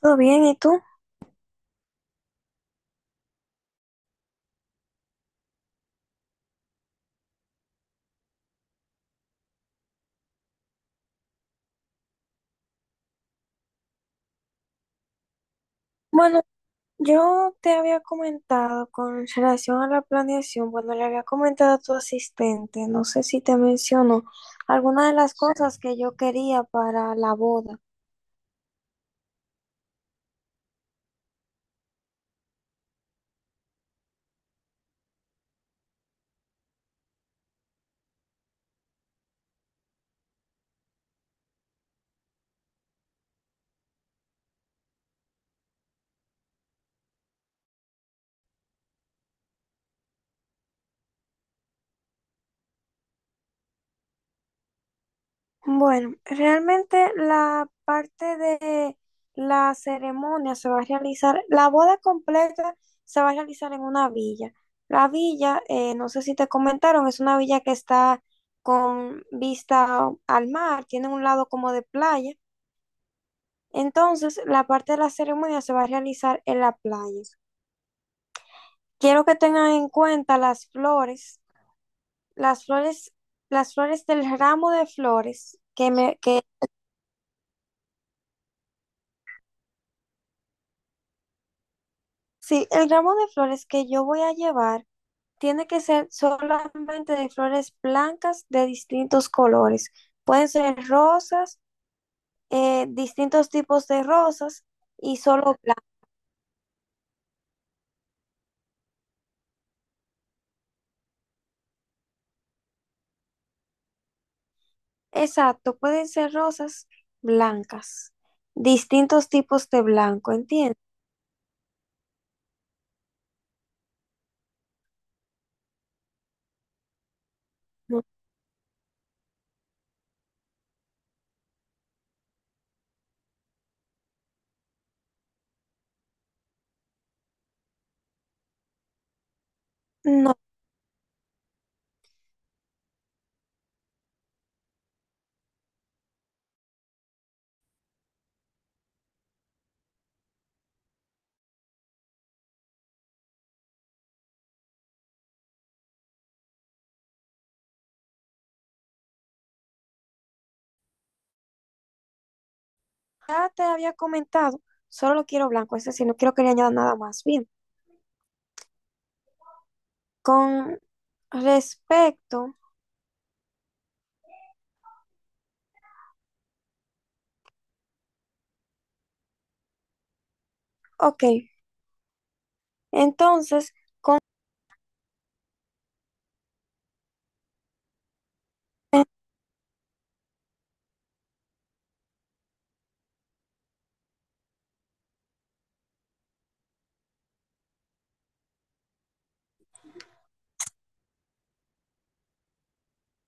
¿Todo bien? ¿Y tú? Bueno, yo te había comentado con relación a la planeación, bueno, le había comentado a tu asistente, no sé si te mencionó algunas de las cosas que yo quería para la boda. Bueno, realmente la parte de la ceremonia se va a realizar, la boda completa se va a realizar en una villa. La villa, no sé si te comentaron, es una villa que está con vista al mar, tiene un lado como de playa. Entonces, la parte de la ceremonia se va a realizar en la playa. Quiero que tengan en cuenta las flores, las flores, las flores del ramo de flores que, sí, el ramo de flores que yo voy a llevar tiene que ser solamente de flores blancas de distintos colores. Pueden ser rosas, distintos tipos de rosas y solo blancas. Exacto, pueden ser rosas blancas, distintos tipos de blanco, ¿entiendes? No, ya te había comentado, solo lo quiero blanco, es decir, no quiero que le añada nada más. Bien, con respecto, ok, entonces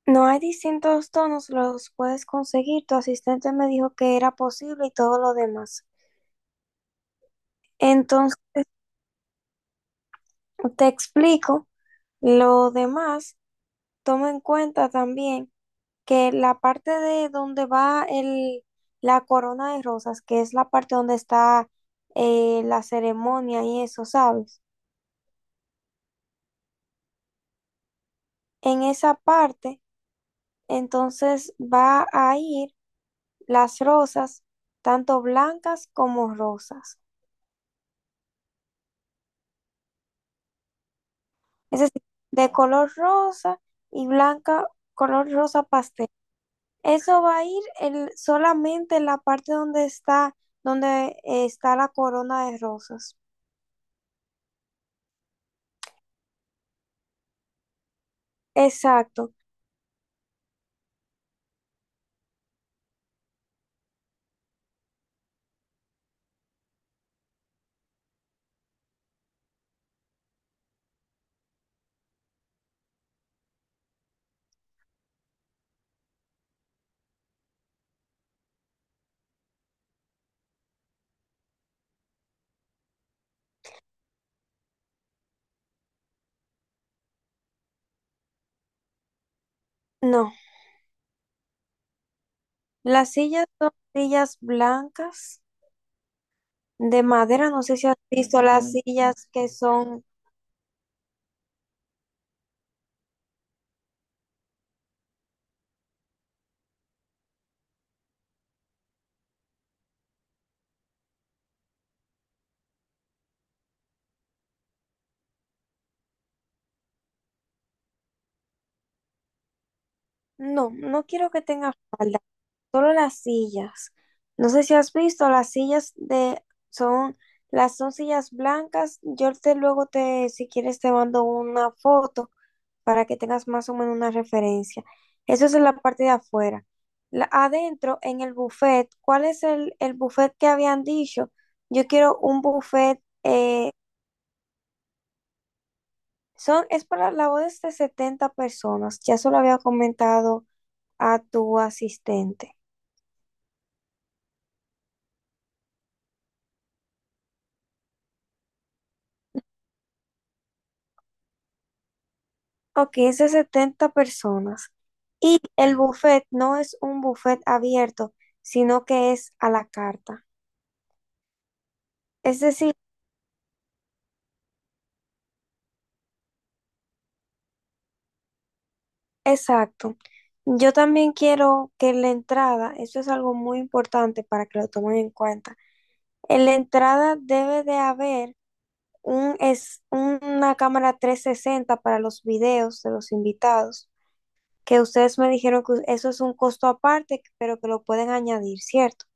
no hay distintos tonos, los puedes conseguir. Tu asistente me dijo que era posible y todo lo demás. Entonces, te explico lo demás. Toma en cuenta también que la parte de donde va el, la corona de rosas, que es la parte donde está la ceremonia y eso, ¿sabes? En esa parte, entonces va a ir las rosas, tanto blancas como rosas. Es decir, de color rosa y blanca, color rosa pastel. Eso va a ir el, solamente en la parte donde está la corona de rosas. Exacto. No. Las sillas son sillas blancas de madera. No sé si has visto las sillas que son. No, no quiero que tenga falda, solo las sillas. No sé si has visto las sillas de. Son. Las son sillas blancas. Yo te luego te, si quieres, te mando una foto para que tengas más o menos una referencia. Eso es en la parte de afuera. La- adentro, en el buffet, ¿cuál es el buffet que habían dicho? Yo quiero un buffet Son, es para la boda es de 70 personas. Ya se lo había comentado a tu asistente. Ok, es de 70 personas. Y el buffet no es un buffet abierto, sino que es a la carta. Es decir, exacto. Yo también quiero que la entrada, eso es algo muy importante para que lo tomen en cuenta. En la entrada debe de haber un, es, una cámara 360 para los videos de los invitados, que ustedes me dijeron que eso es un costo aparte, pero que lo pueden añadir, ¿cierto?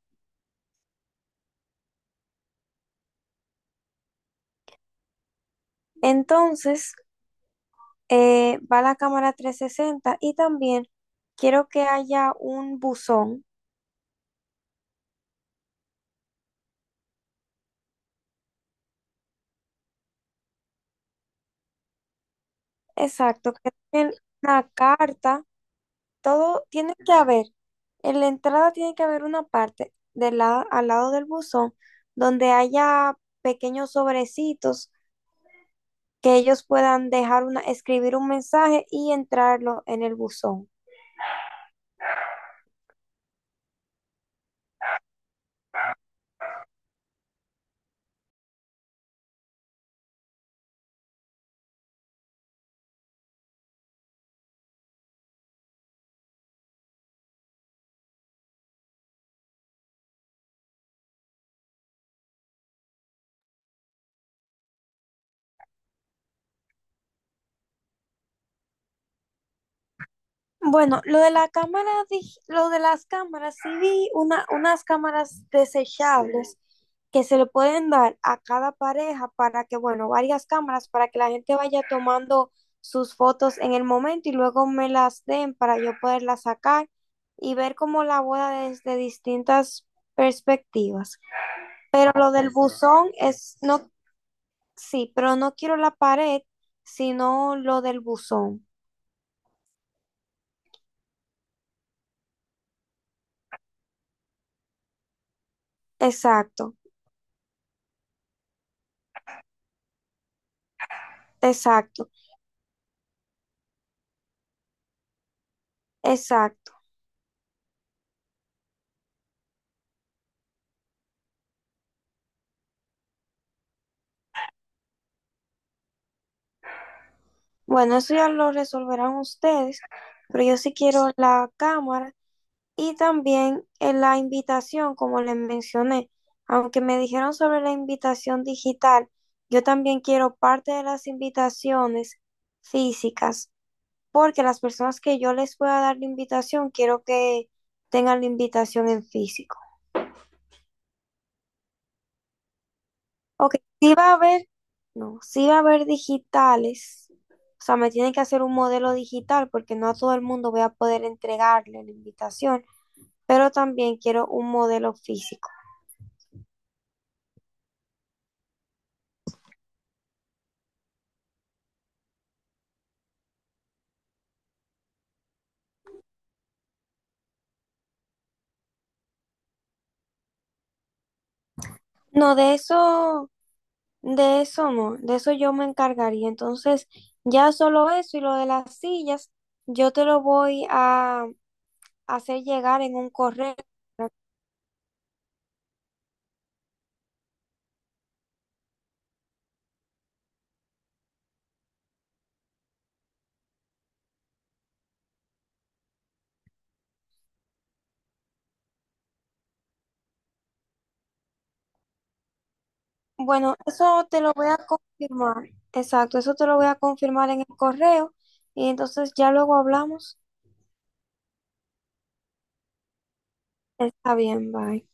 Entonces, va la cámara 360 y también quiero que haya un buzón, exacto, que tengan una carta, todo tiene que haber, en la entrada tiene que haber una parte del lado, al lado del buzón donde haya pequeños sobrecitos que ellos puedan dejar una, escribir un mensaje y entrarlo en el buzón. Bueno, lo de la cámara, dig- lo de las cámaras, sí vi una, unas cámaras desechables que se le pueden dar a cada pareja para que, bueno, varias cámaras para que la gente vaya tomando sus fotos en el momento y luego me las den para yo poderlas sacar y ver como la boda desde distintas perspectivas. Pero lo del buzón es, no, sí, pero no quiero la pared, sino lo del buzón. Exacto, exacto, exacto. Bueno, eso ya lo resolverán ustedes, pero yo sí quiero la cámara y también la invitación, como les mencioné. Aunque me dijeron sobre la invitación digital, yo también quiero parte de las invitaciones físicas, porque las personas que yo les pueda dar la invitación, quiero que tengan la invitación en físico. Ok, sí va a haber, no, sí va a haber digitales. O sea, me tienen que hacer un modelo digital porque no a todo el mundo voy a poder entregarle la invitación, pero también quiero un modelo físico. No, de eso no, de eso yo me encargaría. Entonces, ya solo eso y lo de las sillas, yo te lo voy a hacer llegar en un correo. Bueno, eso te lo voy a confirmar. Exacto, eso te lo voy a confirmar en el correo y entonces ya luego hablamos. Está bien, bye.